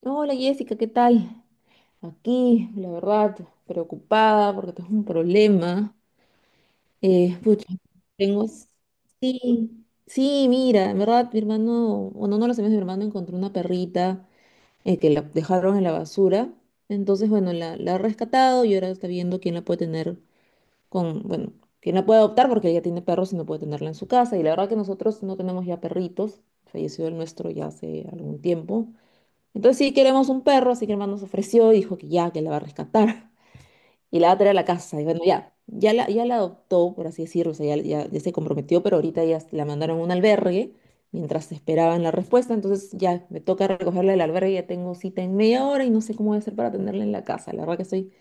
Hola Jessica, ¿qué tal? Aquí, la verdad, preocupada porque tengo un problema. Pucha, tengo... Sí, sí, mira, en verdad, mi hermano, bueno, no lo sabía, mi hermano encontró una perrita que la dejaron en la basura. Entonces, bueno, la ha rescatado y ahora está viendo quién la puede tener bueno, quién la puede adoptar porque ella tiene perros y no puede tenerla en su casa. Y la verdad que nosotros no tenemos ya perritos, falleció el nuestro ya hace algún tiempo. Entonces sí queremos un perro, así que el hermano se ofreció y dijo que ya, que la va a rescatar y la va a traer a la casa. Y bueno, ya la adoptó, por así decirlo, o sea, ya se comprometió, pero ahorita ya la mandaron a un albergue mientras esperaban la respuesta. Entonces ya me toca recogerla del albergue, ya tengo cita en media hora y no sé cómo voy a hacer para tenerla en la casa. La verdad que estoy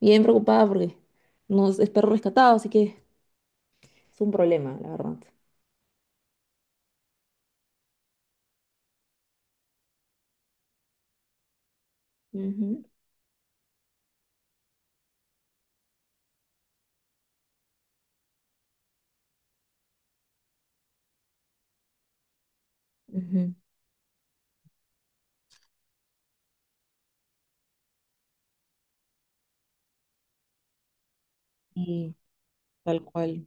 bien preocupada porque no es perro rescatado, así que es un problema, la verdad. Ujú, ujú. Y tal cual.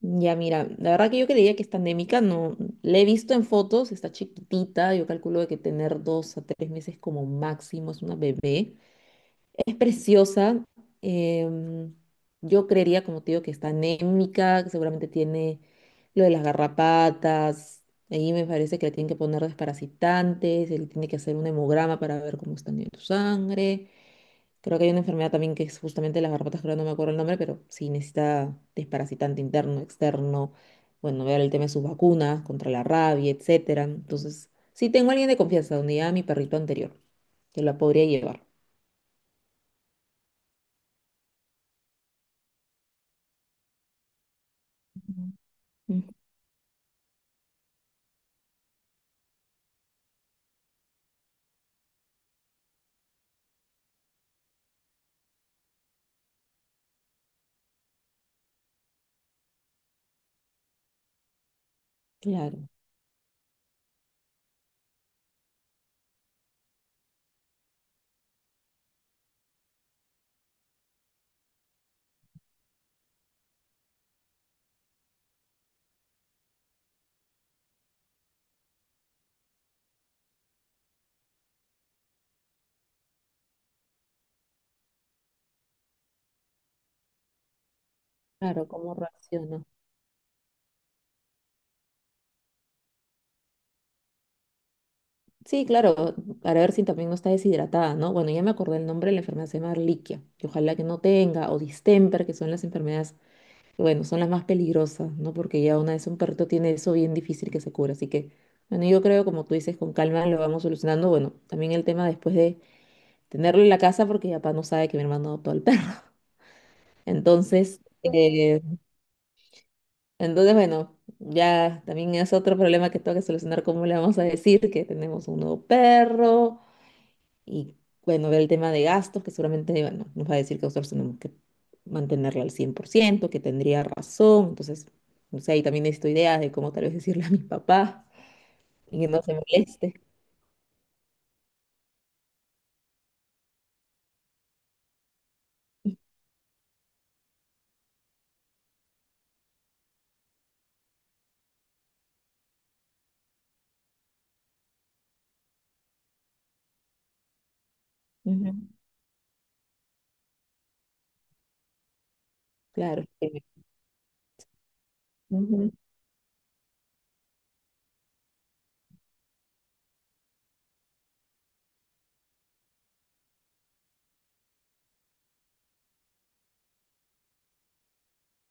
Ya, mira, la verdad que yo creía que esta anémica no, la he visto en fotos, está chiquitita, yo calculo de que tener 2 a 3 meses como máximo es una bebé. Es preciosa, em, yo creería, como te digo, que está anémica, que seguramente tiene lo de las garrapatas, ahí me parece que le tienen que poner desparasitantes, él tiene que hacer un hemograma para ver cómo está en tu sangre. Creo que hay una enfermedad también que es justamente las garrapatas, creo, no me acuerdo el nombre, pero sí necesita desparasitante interno, externo, bueno, ver el tema de sus vacunas contra la rabia, etcétera. Entonces, sí tengo a alguien de confianza, donde ya mi perrito anterior, que la podría llevar. Mm. Claro, claro, ¿cómo reacciona? Sí, claro, para ver si también no está deshidratada, ¿no? Bueno, ya me acordé el nombre la enfermedad, se llama Ehrlichia, que ojalá que no tenga, o distemper, que son las enfermedades bueno, son las más peligrosas, ¿no? Porque ya una vez un perrito tiene eso bien difícil que se cura. Así que, bueno, yo creo, como tú dices, con calma lo vamos solucionando. Bueno, también el tema después de tenerlo en la casa, porque ya papá no sabe que mi hermano adoptó al perro. Entonces, eh, entonces, bueno, ya también es otro problema que tengo que solucionar, cómo le vamos a decir que tenemos un nuevo perro, y bueno, ver el tema de gastos, que seguramente bueno, nos va a decir que nosotros tenemos que mantenerla al 100%, que tendría razón. Entonces, no sé, ahí también necesito ideas de cómo tal vez decirle a mi papá y que no se moleste. Ujú. Claro. Sí, ujú,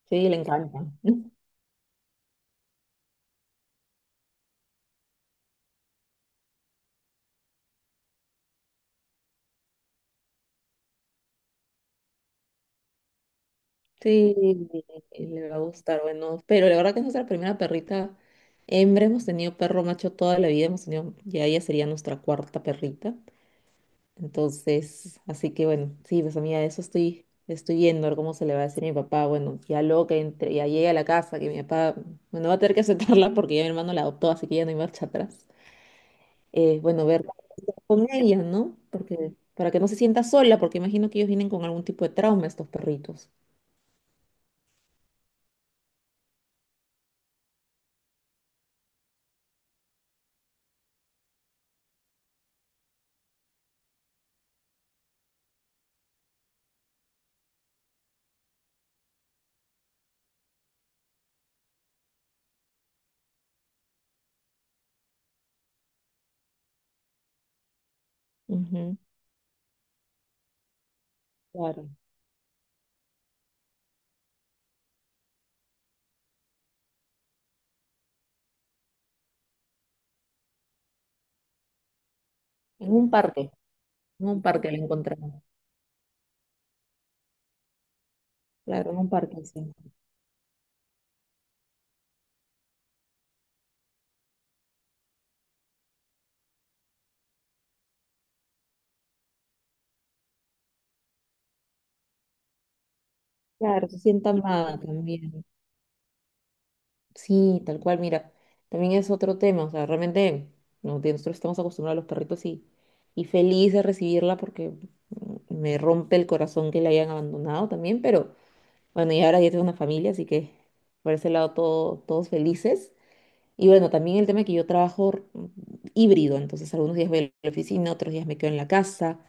sí, le encanta. Sí, le va a gustar. Bueno, pero la verdad que es nuestra primera perrita hembra. Hemos tenido perro macho toda la vida. Hemos tenido, ya ella sería nuestra cuarta perrita. Entonces, así que bueno, sí, pues amiga, eso estoy viendo, a ver cómo se le va a decir a mi papá. Bueno, ya luego que entre, ya llegue a la casa, que mi papá, bueno, va a tener que aceptarla porque ya mi hermano la adoptó, así que ya no hay marcha atrás. Bueno, ver con ella, ¿no? Porque para que no se sienta sola, porque imagino que ellos vienen con algún tipo de trauma, estos perritos. Ujú, claro. En un parque, en un parque la encontramos. Claro, en un parque, sí. Claro, se sienta amada también. Sí, tal cual, mira, también es otro tema, o sea, realmente no, de nosotros estamos acostumbrados a los perritos y feliz de recibirla porque me rompe el corazón que la hayan abandonado también, pero bueno, y ahora ya tengo una familia, así que por ese lado todos felices. Y bueno, también el tema que yo trabajo híbrido, entonces algunos días voy a la oficina, otros días me quedo en la casa.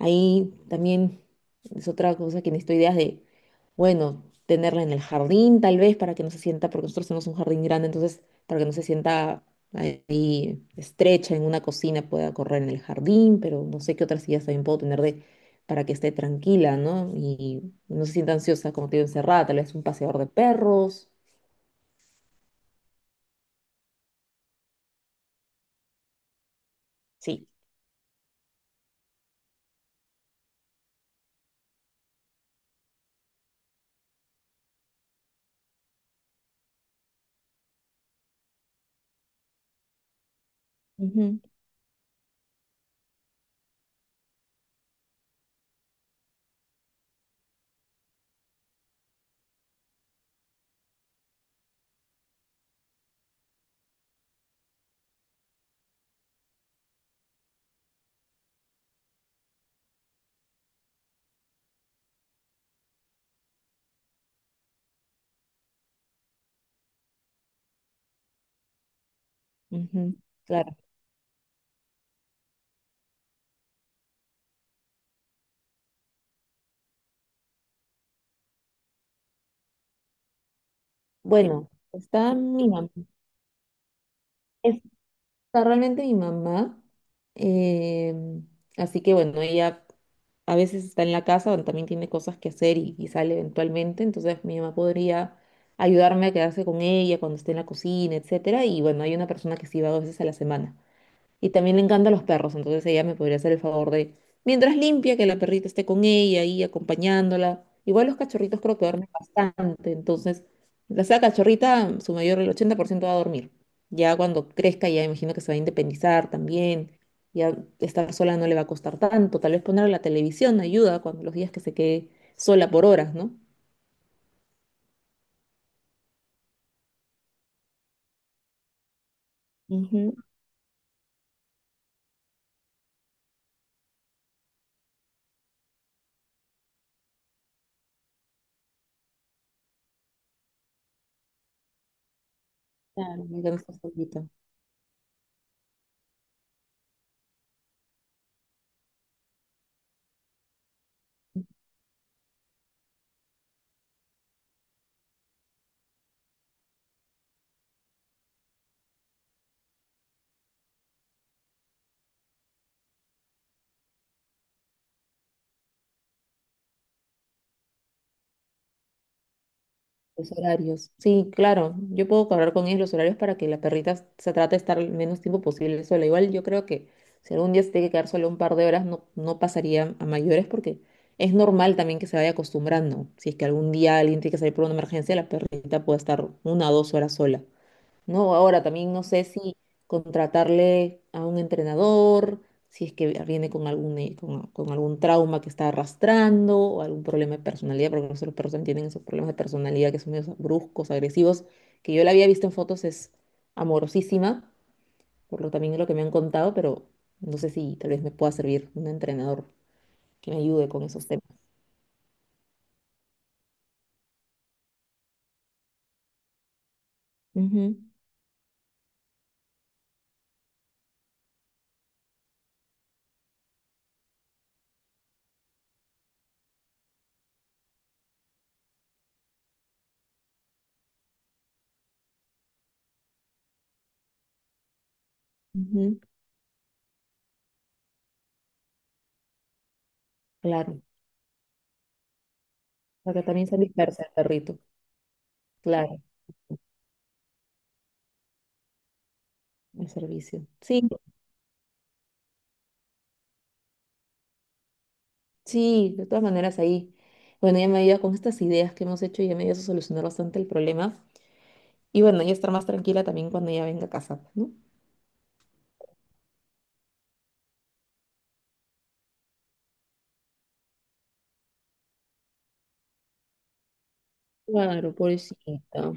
Ahí también es otra cosa que necesito ideas de, bueno, tenerla en el jardín tal vez para que no se sienta, porque nosotros tenemos un jardín grande, entonces para que no se sienta ahí estrecha en una cocina, pueda correr en el jardín, pero no sé qué otras ideas también puedo tener de, para que esté tranquila, ¿no? Y no se sienta ansiosa como te digo, encerrada, tal vez un paseador de perros. Sí. Ujú, ujú. Claro. Bueno, está, mi mira, sea, realmente mi mamá, eh, así que bueno, ella a veces está en la casa, donde también tiene cosas que hacer y sale eventualmente, entonces mi mamá podría ayudarme a quedarse con ella cuando esté en la cocina, etcétera, y bueno, hay una persona que sí va dos veces a la semana. Y también le encantan los perros, entonces ella me podría hacer el favor de, mientras limpia, que la perrita esté con ella y acompañándola. Igual los cachorritos creo que duermen bastante, entonces, la sea cachorrita, su mayor, el 80% va a dormir. Ya cuando crezca, ya imagino que se va a independizar también, ya estar sola no le va a costar tanto, tal vez ponerle la televisión ayuda cuando los días que se quede sola por horas, ¿no? Ujú. Claro. Ya no solita. Los horarios. Sí, claro. Yo puedo hablar con ellos los horarios para que la perrita se trate de estar el menos tiempo posible sola. Igual yo creo que si algún día se tiene que quedar solo un par de horas, no, no pasaría a mayores porque es normal también que se vaya acostumbrando. Si es que algún día alguien tiene que salir por una emergencia, la perrita puede estar 1 o 2 horas sola. No, ahora también no sé si contratarle a un entrenador, si es que viene con con algún trauma que está arrastrando o algún problema de personalidad, porque nosotros los perros también tienen esos problemas de personalidad que son medio bruscos, agresivos, que yo la había visto en fotos, es amorosísima, por lo también es lo que me han contado, pero no sé si tal vez me pueda servir un entrenador que me ayude con esos temas. Ujú, ujú, claro, porque también se dispersa el perrito, claro, el servicio. Sí. Sí, de todas maneras ahí. Bueno, ya me ayuda con estas ideas que hemos hecho y ya me ayuda a solucionar bastante el problema. Y bueno, ya estar más tranquila también cuando ella venga a casa, ¿no? Claro, pobrecita,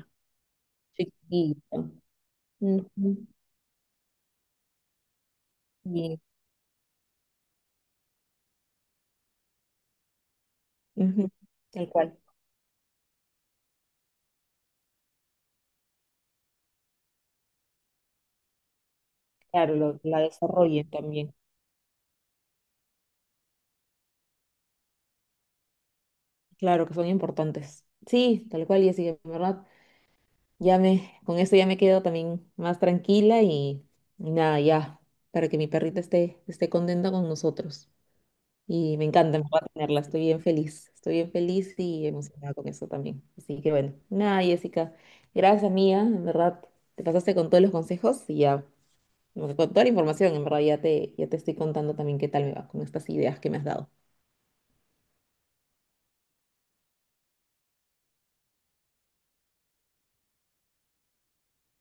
chiquita. Ujú. Y ujú. Tal cual. Claro, la desarrollen también. Claro que son importantes. Sí, tal cual, y así en verdad, ya me, con esto ya me quedo también más tranquila y nada, ya, para que mi perrita esté contenta con nosotros. Y me encanta tenerla, estoy bien feliz y emocionada con eso también. Así que bueno, nada, Jessica, gracias mía, en verdad, te pasaste con todos los consejos y ya, bueno, con toda la información, en verdad, ya te estoy contando también qué tal me va con estas ideas que me has dado.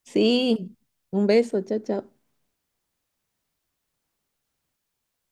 Sí, un beso, chao, chao.